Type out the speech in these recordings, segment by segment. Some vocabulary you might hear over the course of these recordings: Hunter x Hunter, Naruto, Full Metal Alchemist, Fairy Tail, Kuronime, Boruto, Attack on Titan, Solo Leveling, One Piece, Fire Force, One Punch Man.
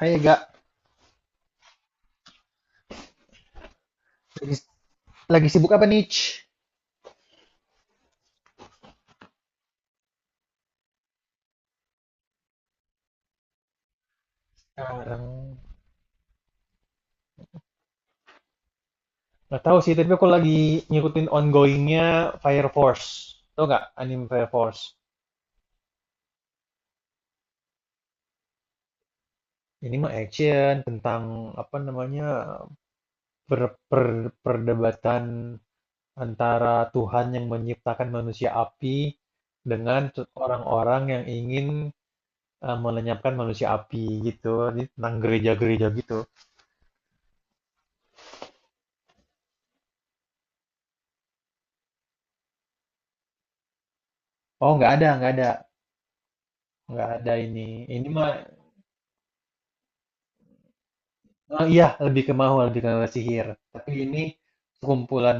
Hai Ega, lagi, lagi sibuk apa nih? Ci? Sekarang nggak tahu sih, tapi aku lagi ngikutin ongoingnya Fire Force. Tau nggak anime Fire Force? Ini mah action tentang apa namanya perdebatan antara Tuhan yang menciptakan manusia api dengan orang-orang yang ingin melenyapkan manusia api gitu. Jadi tentang gereja-gereja gitu. Oh nggak ada, nggak ada. Nggak ada ini. Ini mah Oh iya, lebih ke mahua, lebih ke sihir. Tapi ini sekumpulan,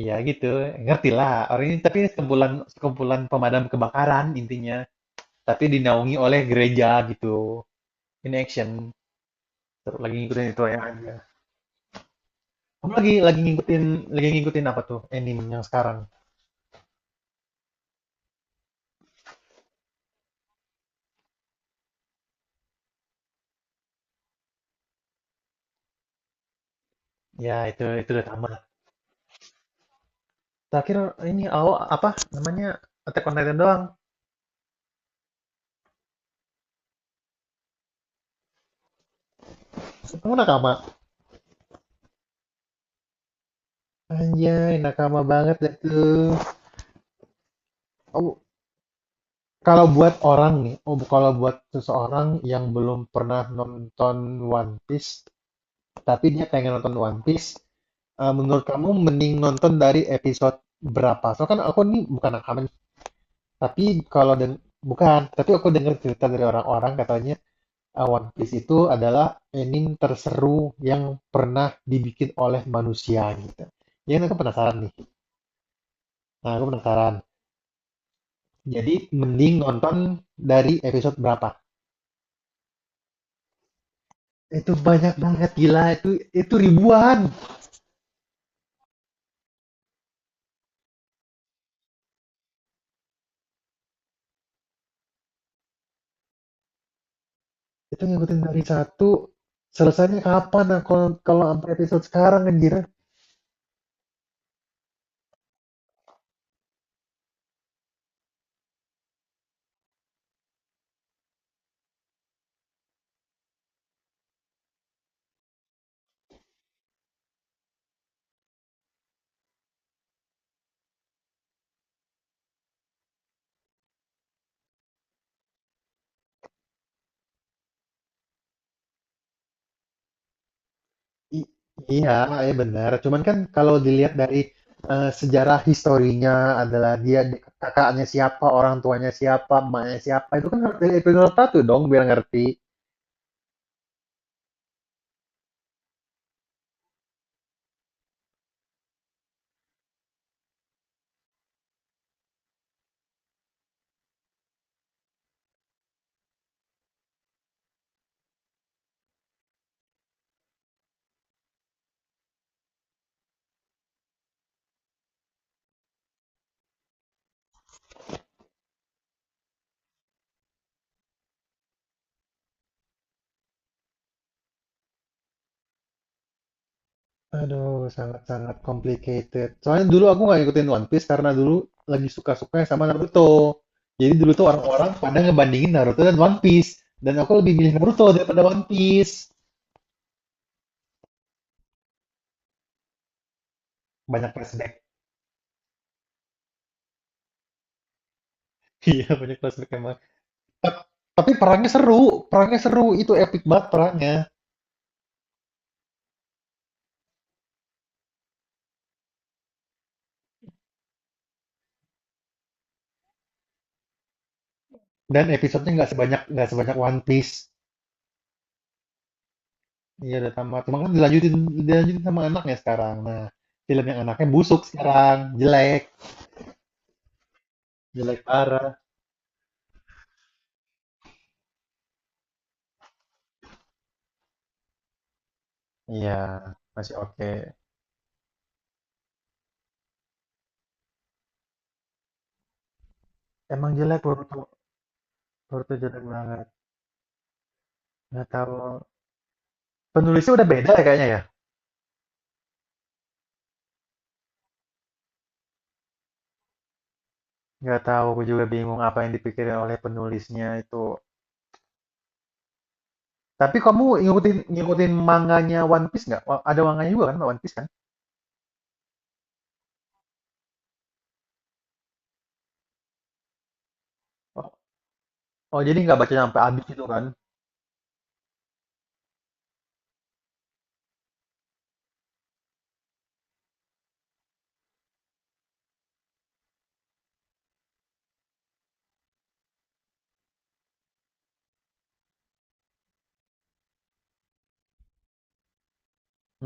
iya gitu, ngerti lah. Orang ini tapi sekumpulan sekumpulan pemadam kebakaran intinya. Tapi dinaungi oleh gereja gitu. Ini action, seru, lagi ngikutin itu ya. Aja. Kamu lagi ngikutin apa tuh anime yang sekarang? Ya itu udah tamat. Terakhir ini awal apa namanya Attack on Titan doang. Kamu nakama? Anjay, nakama banget dah tuh. Oh, kalau buat orang nih, oh kalau buat seseorang yang belum pernah nonton One Piece, tapi dia pengen nonton One Piece, menurut kamu mending nonton dari episode berapa? Soalnya kan aku nih bukan rekaman, tapi kalau deng bukan, tapi aku dengar cerita dari orang-orang katanya One Piece itu adalah anime terseru yang pernah dibikin oleh manusia gitu. Ya, kan aku penasaran nih. Nah, aku penasaran. Jadi, mending nonton dari episode berapa? Itu banyak banget, gila. Itu ribuan. Itu ngikutin dari satu, selesainya kapan? Nah, kalau kalau sampai episode sekarang anjir. I- iya, ya benar. Cuman kan kalau dilihat dari sejarah historinya adalah dia kakaknya siapa, orang tuanya siapa, emaknya siapa, itu kan harus dari episode satu dong biar ngerti. Aduh, sangat-sangat complicated. Soalnya dulu aku nggak ngikutin One Piece karena dulu lagi suka-sukanya sama Naruto. Jadi dulu tuh orang-orang pada ngebandingin Naruto dan One Piece. Dan aku lebih milih Naruto daripada One Piece. Banyak flashback. Iya, banyak flashback emang. Ta- Tapi perangnya seru, perangnya seru. Itu epic banget perangnya. Dan episodenya nggak sebanyak One Piece. Iya, udah tamat. Cuma kan dilanjutin dilanjutin sama anaknya sekarang. Nah, film yang anaknya busuk sekarang, jelek, jelek parah. Iya, masih oke. Emang jelek Boruto, Boruto jelek banget. Nggak tahu penulisnya udah beda ya kayaknya ya. Nggak tahu, aku juga bingung apa yang dipikirin oleh penulisnya itu. Tapi kamu ngikutin ngikutin manganya One Piece nggak? Ada manganya juga kan One Piece kan? Oh, oh, jadi nggak baca sampai habis gitu kan?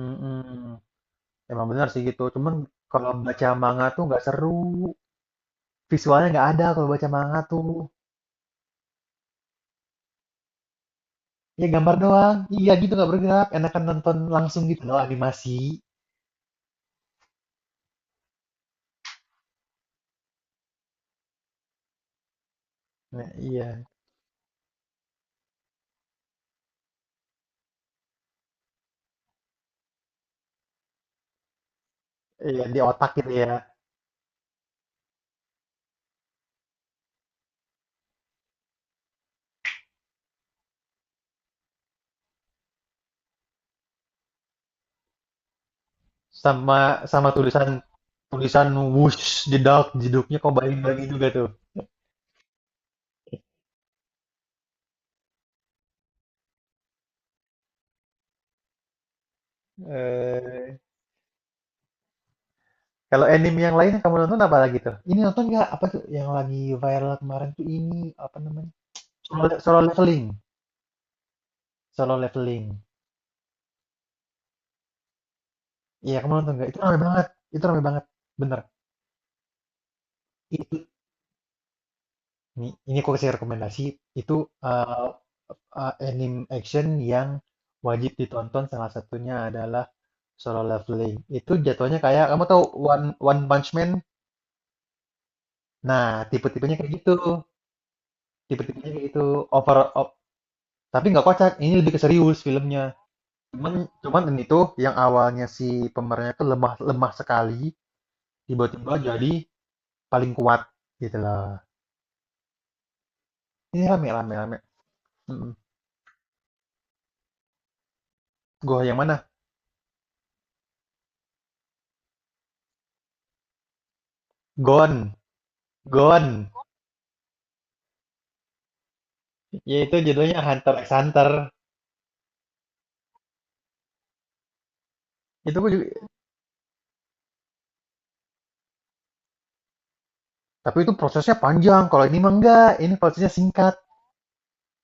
Mm-mm. Emang benar sih gitu. Cuman kalau baca manga tuh nggak seru. Visualnya nggak ada kalau baca manga tuh. Ya gambar doang. Iya gitu nggak bergerak. Enakan nonton langsung gitu loh animasi. Nah, iya, iya di otak gitu ya. Sama sama tulisan tulisan whoosh jedak jeduknya kok balik lagi juga tuh eh kalau anime yang lain yang kamu nonton apa lagi tuh ini nonton nggak apa tuh yang lagi viral kemarin tuh ini apa namanya solo, Solo Leveling solo leveling iya kamu nonton nggak itu rame banget itu rame banget bener itu ini aku kasih rekomendasi itu eh, anime action yang wajib ditonton salah satunya adalah Solo Leveling itu jatuhnya kayak kamu tahu One Punch Man. Nah, tipe-tipenya kayak gitu. Tipe-tipenya kayak gitu. Over, op- tapi nggak kocak. Ini lebih ke serius filmnya. Cuman, cuman ini tuh yang awalnya si pemerannya tuh lemah, lemah sekali, tiba-tiba jadi paling kuat gitu loh. Ini rame, rame, rame. Mm. Gua yang mana? Gon, Gon. Ya itu judulnya Hunter x Hunter. Itu gua juga, tapi itu prosesnya panjang. Kalau ini mah enggak. Ini prosesnya singkat.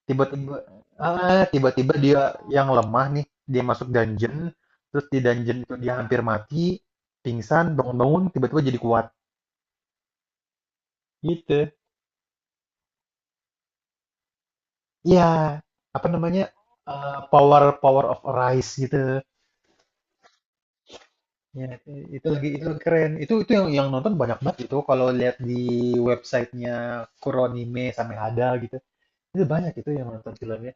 tiba-tiba tiba-tiba dia yang lemah nih dia masuk dungeon terus di dungeon itu dia hampir mati pingsan bangun-bangun tiba-tiba jadi kuat gitu ya apa namanya power power of Arise gitu ya itu, itu lagi keren itu yang nonton banyak banget itu kalau lihat di websitenya Kuronime sampai ada gitu itu banyak itu yang nonton filmnya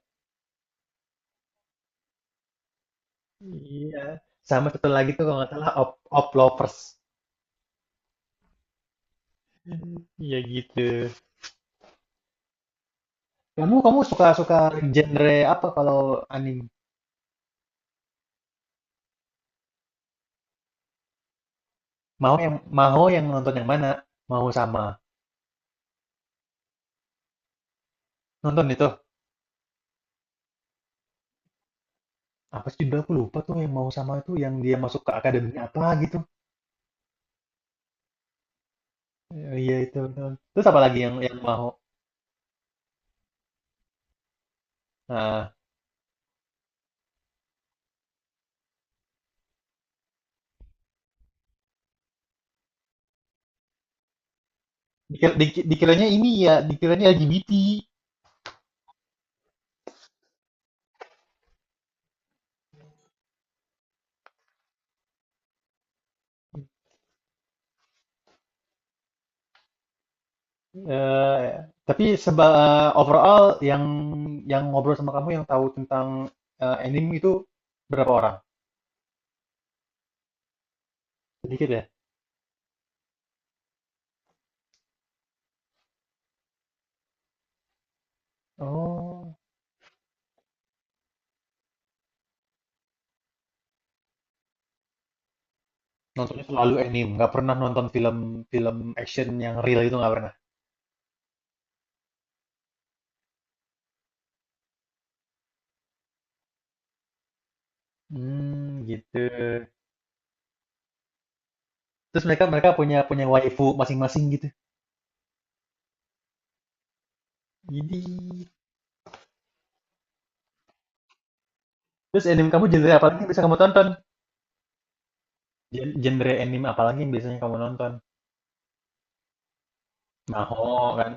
iya sama satu lagi tuh kalau nggak salah Op Oplovers. Iya gitu. Kamu kamu suka suka genre apa kalau anime? Mau yang nonton yang mana? Mau sama. Nonton itu. Apa sih judulnya aku lupa tuh yang mau sama itu yang dia masuk ke akademi apa gitu. Eh, iya itu. Itu. Terus apa lagi yang mau? Nah, dikira, dikiranya ini ya, dikiranya LGBT. Eh, tapi seba overall yang ngobrol sama kamu yang tahu tentang anime itu berapa orang? Sedikit ya? Oh. Nontonnya selalu anime, nggak pernah nonton film-film action yang real itu nggak pernah. Hmm, gitu. Terus mereka mereka punya punya waifu masing-masing gitu. Jadi, terus anime kamu genre apa lagi yang bisa kamu tonton? Genre anime apa lagi yang biasanya kamu nonton? Maho kan,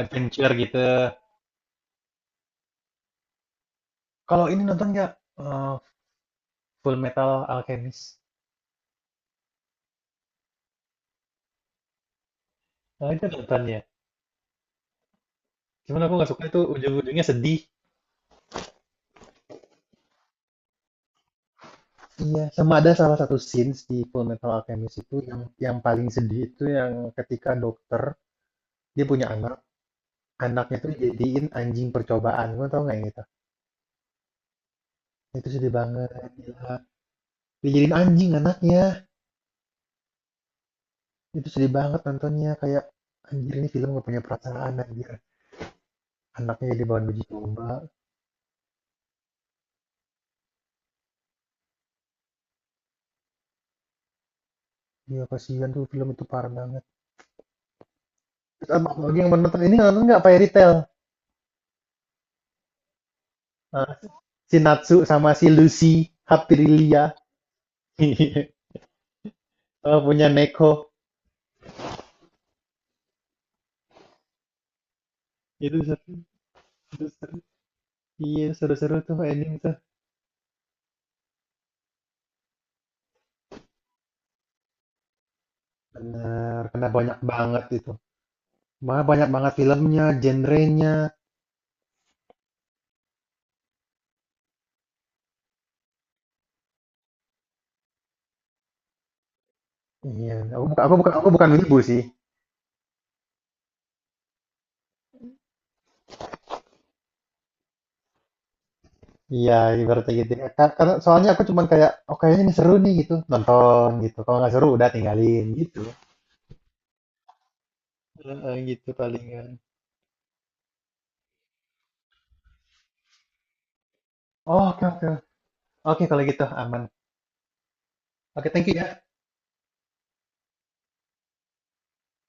adventure gitu. Kalau ini nonton nggak. Eh, Full Metal Alchemist? Nah, itu nonton ya. Cuman aku nggak suka itu ujung-ujungnya sedih. Iya, sama ada salah satu scenes di Full Metal Alchemist itu yang paling sedih itu yang ketika dokter dia punya anak, anaknya tuh jadiin anjing percobaan. Lu tau nggak yang itu? Itu sedih banget, gila. Dijadiin anjing anaknya. Itu sedih banget nontonnya. Kayak, anjir ini film gak punya perasaan, anjir. Anaknya jadi bahan uji coba. Iya, kasihan tuh film itu parah banget. Terus apa lagi yang menonton ini nonton nggak Fairy Tail? Ah, si Natsu sama si Lucy, Haprilia. Oh, punya Neko. Itu seru, itu seru. Iya, seru-seru tuh ending tuh. Benar karena banyak banget itu. Malah banyak banget filmnya, genrenya. Iya, aku bukan wibu sih. Iya, ibaratnya gitu. Ya. Karena soalnya aku cuman kayak, oh kayaknya ini seru nih gitu, nonton gitu. Kalau nggak seru udah tinggalin gitu. Heeh, gitu palingan. Oh, oke oke. Oke kalau gitu aman. Oke, thank you ya.